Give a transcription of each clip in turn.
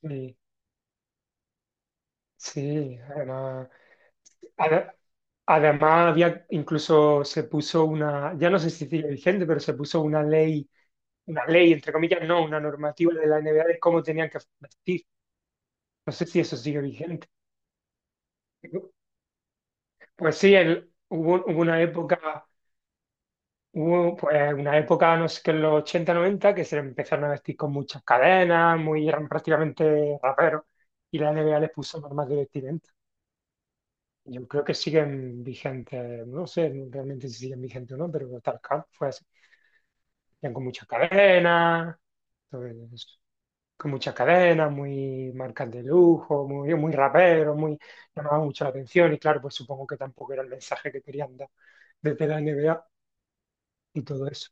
Sí, sí, además, ade- además había incluso se puso una, ya no sé si sigue vigente, pero se puso una ley, entre comillas, no, una normativa de la NBA de cómo tenían que vestir. No sé si eso sigue vigente. Pues sí, hubo, hubo una época, hubo pues una época, no sé qué, en los 80, 90, que se empezaron a vestir con muchas cadenas, muy, eran prácticamente raperos, y la NBA les puso normas de vestir. Yo creo que siguen vigentes, no sé realmente si siguen vigentes o no, pero Talcam fue así. Eran con muchas cadenas, entonces, con muchas cadenas, muy marcas de lujo, muy, muy raperos, muy, llamaban mucho la atención y claro, pues supongo que tampoco era el mensaje que querían dar desde la NBA y todo eso.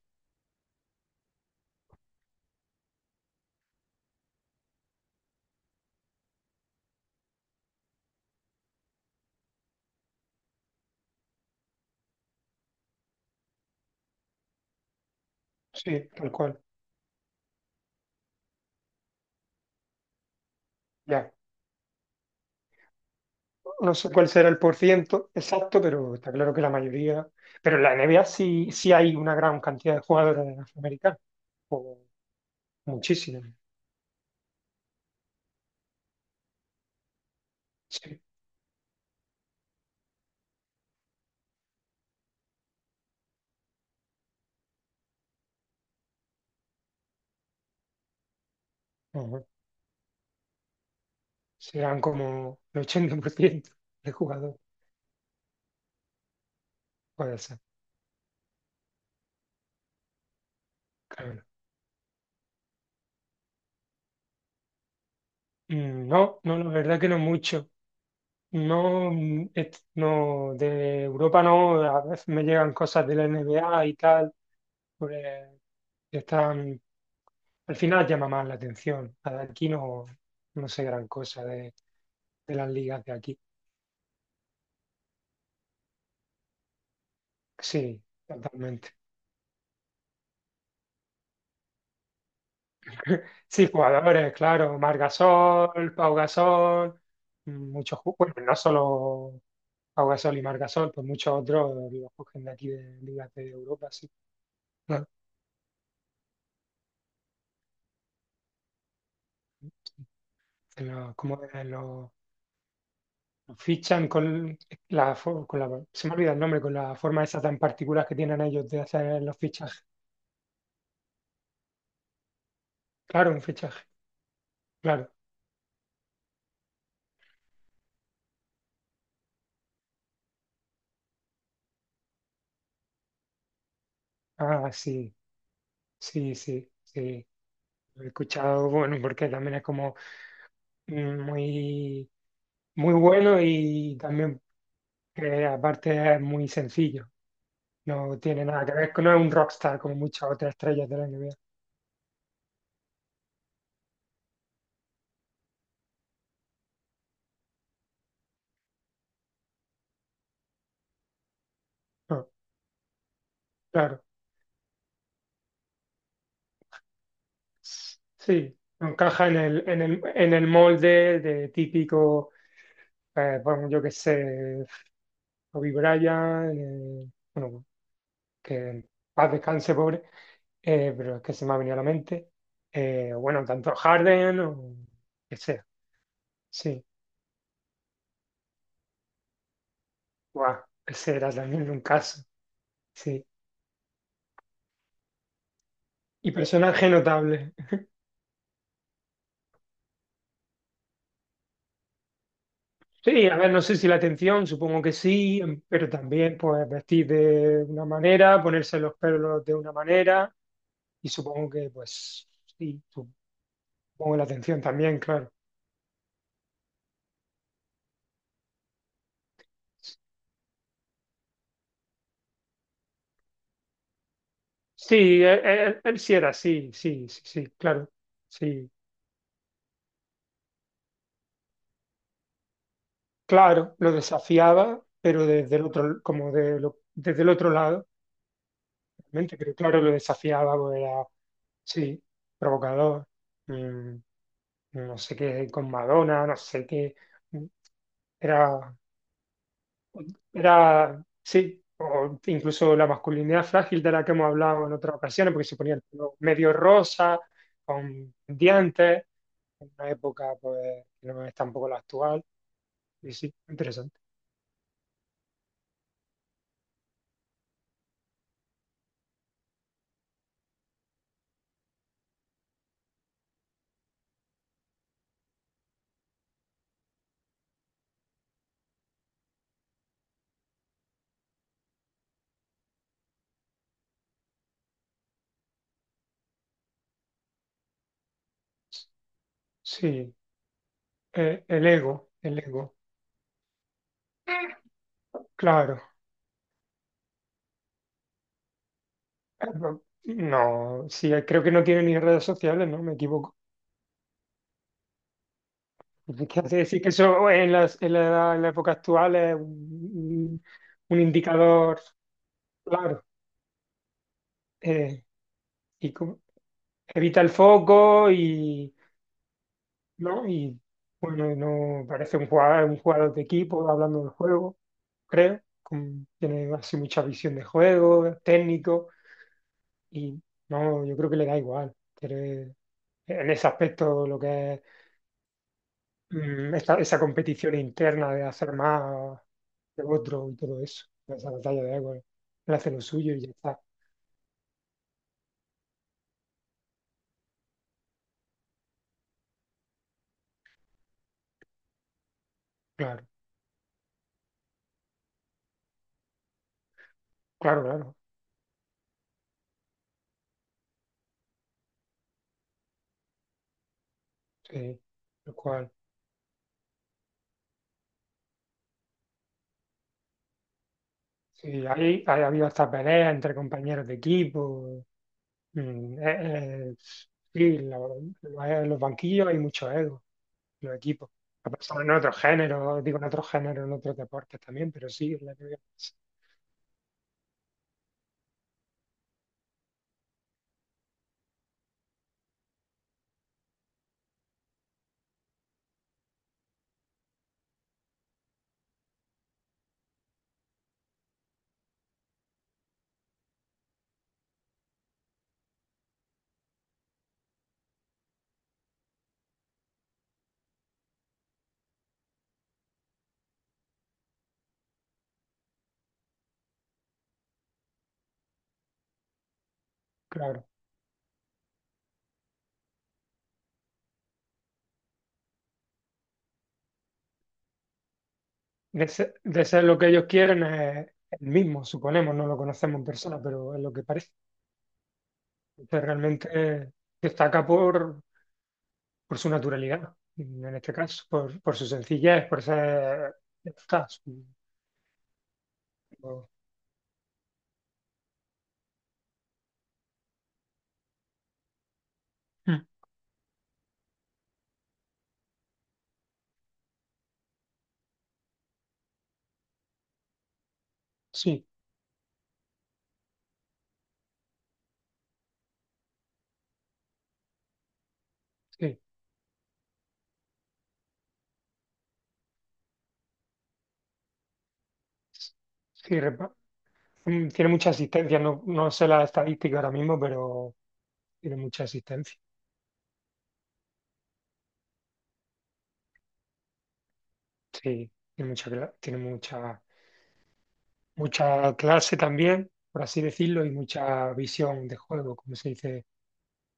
Sí, tal cual, ya. No sé cuál será el porciento exacto, pero está claro que la mayoría, pero en la NBA sí, sí hay una gran cantidad de jugadores afroamericanos, o muchísimos. Sí. Ajá. Serán como el 80% de jugador. Puede ser, claro. No, no, no, la verdad que no mucho. No, no, de Europa no, a veces me llegan cosas de la NBA y tal, pues, que están, al final llama más la atención. La de aquí no, no sé gran cosa de las ligas de aquí. Sí, totalmente. Sí, jugadores, claro, Marc Gasol, Pau Gasol, muchos, bueno, no solo Pau Gasol y Marc Gasol, pues muchos otros los cogen de aquí de ligas de Europa, sí. Claro. Como lo fichan con con la, se me olvida el nombre, con la forma esa tan particular que tienen ellos de hacer los fichajes. Claro, un fichaje, claro. Ah, sí, sí, sí, sí. Lo he escuchado, bueno, porque también es como muy, muy bueno y también que aparte es muy sencillo. No tiene nada que ver, no es un rockstar como muchas otras estrellas de la NBA. No, claro. Sí, no encaja en el, en el, en el molde de típico, bueno, yo qué sé, Kobe Bryant, bueno, que en paz descanse, pobre, pero es que se me ha venido a la mente. Bueno, tanto Harden o que sea, sí. Guau, ese era también un caso, sí. Y personaje notable. Sí, a ver, no sé si la atención, supongo que sí, pero también pues vestir de una manera, ponerse los pelos de una manera, y supongo que pues sí, supongo la atención también, claro. Sí, él, él sí era así, sí, sí, sí, claro, sí, claro, lo desafiaba, pero desde el otro, desde el otro lado. Realmente, pero claro, lo desafiábamos, era, sí, provocador, mm, no sé qué, con Madonna, no sé qué, mm, era, era, sí, o incluso la masculinidad frágil de la que hemos hablado en otras ocasiones, porque se ponía el pelo medio rosa, con dientes, en una época pues que no es tampoco la actual, y sí, interesante. Sí, el ego, claro. No, sí, creo que no tiene ni redes sociales, ¿no? Me equivoco. Es que hace decir que eso en en la época actual es un indicador claro. eh, y evita el foco y, ¿no? Y bueno, no parece un jugador de equipo hablando del juego, creo. Tiene así mucha visión de juego, técnico, y no, yo creo que le da igual. En ese aspecto lo que es. Esa competición interna de hacer más que otro y todo eso, esa batalla de egos, él hace lo suyo y ya está, claro, claro, claro, sí, lo cual, sí, ahí ha habido hasta peleas entre compañeros de equipo, mm, eh, eh, sí, en los banquillos hay mucho ego, en los equipos, ha pasado en otros géneros, digo en otros géneros, en otros deportes también, pero sí, en la que, claro. De ser lo que ellos quieren es el mismo, suponemos, no lo conocemos en persona, pero es lo que parece. Entonces, realmente destaca por su naturalidad, en este caso, por su sencillez, por ser... ya está, por- Mm. Sí, sí, sí, tiene mucha asistencia, no, no sé la estadística ahora mismo, pero tiene mucha asistencia, sí, tiene mucha, tiene mucha mucha clase también, por así decirlo, y mucha visión de juego, como se dice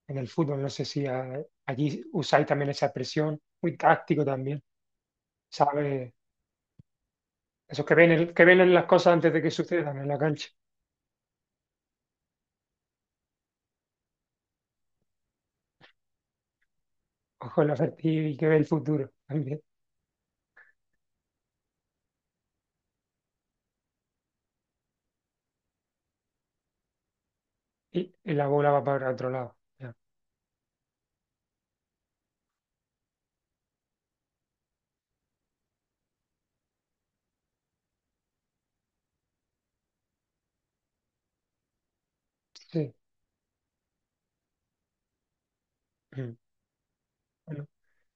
en el fútbol. No sé si allí usáis también esa expresión, muy táctico también, ¿sabes? Esos que ven, que ven las cosas antes de que sucedan en la cancha. Ojo, el asertivo y que ve el futuro también. Y la bola va para otro lado. Ya, sí. Mm. Bueno,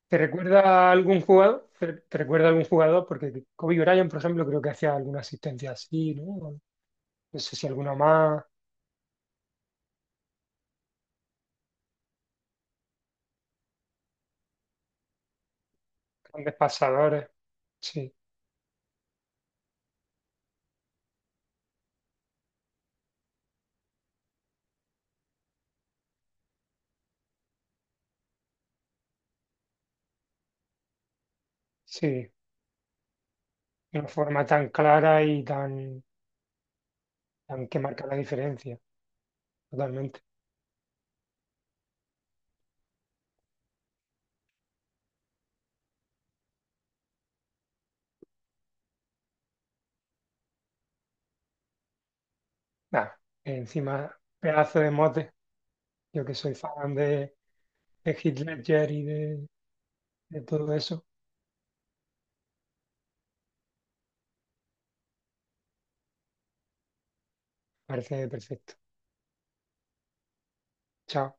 ¿te recuerda a algún jugador? ¿Te, te recuerda a algún jugador? Porque Kobe Bryant, por ejemplo, creo que hacía alguna asistencia así, ¿no? No sé si alguna más. Grandes pasadores. Sí, sí, de una forma tan clara y tan, tan que marca la diferencia, totalmente. Nada, encima, pedazo de mote. Yo que soy fan de Heath Ledger y de todo eso, parece perfecto. Chao.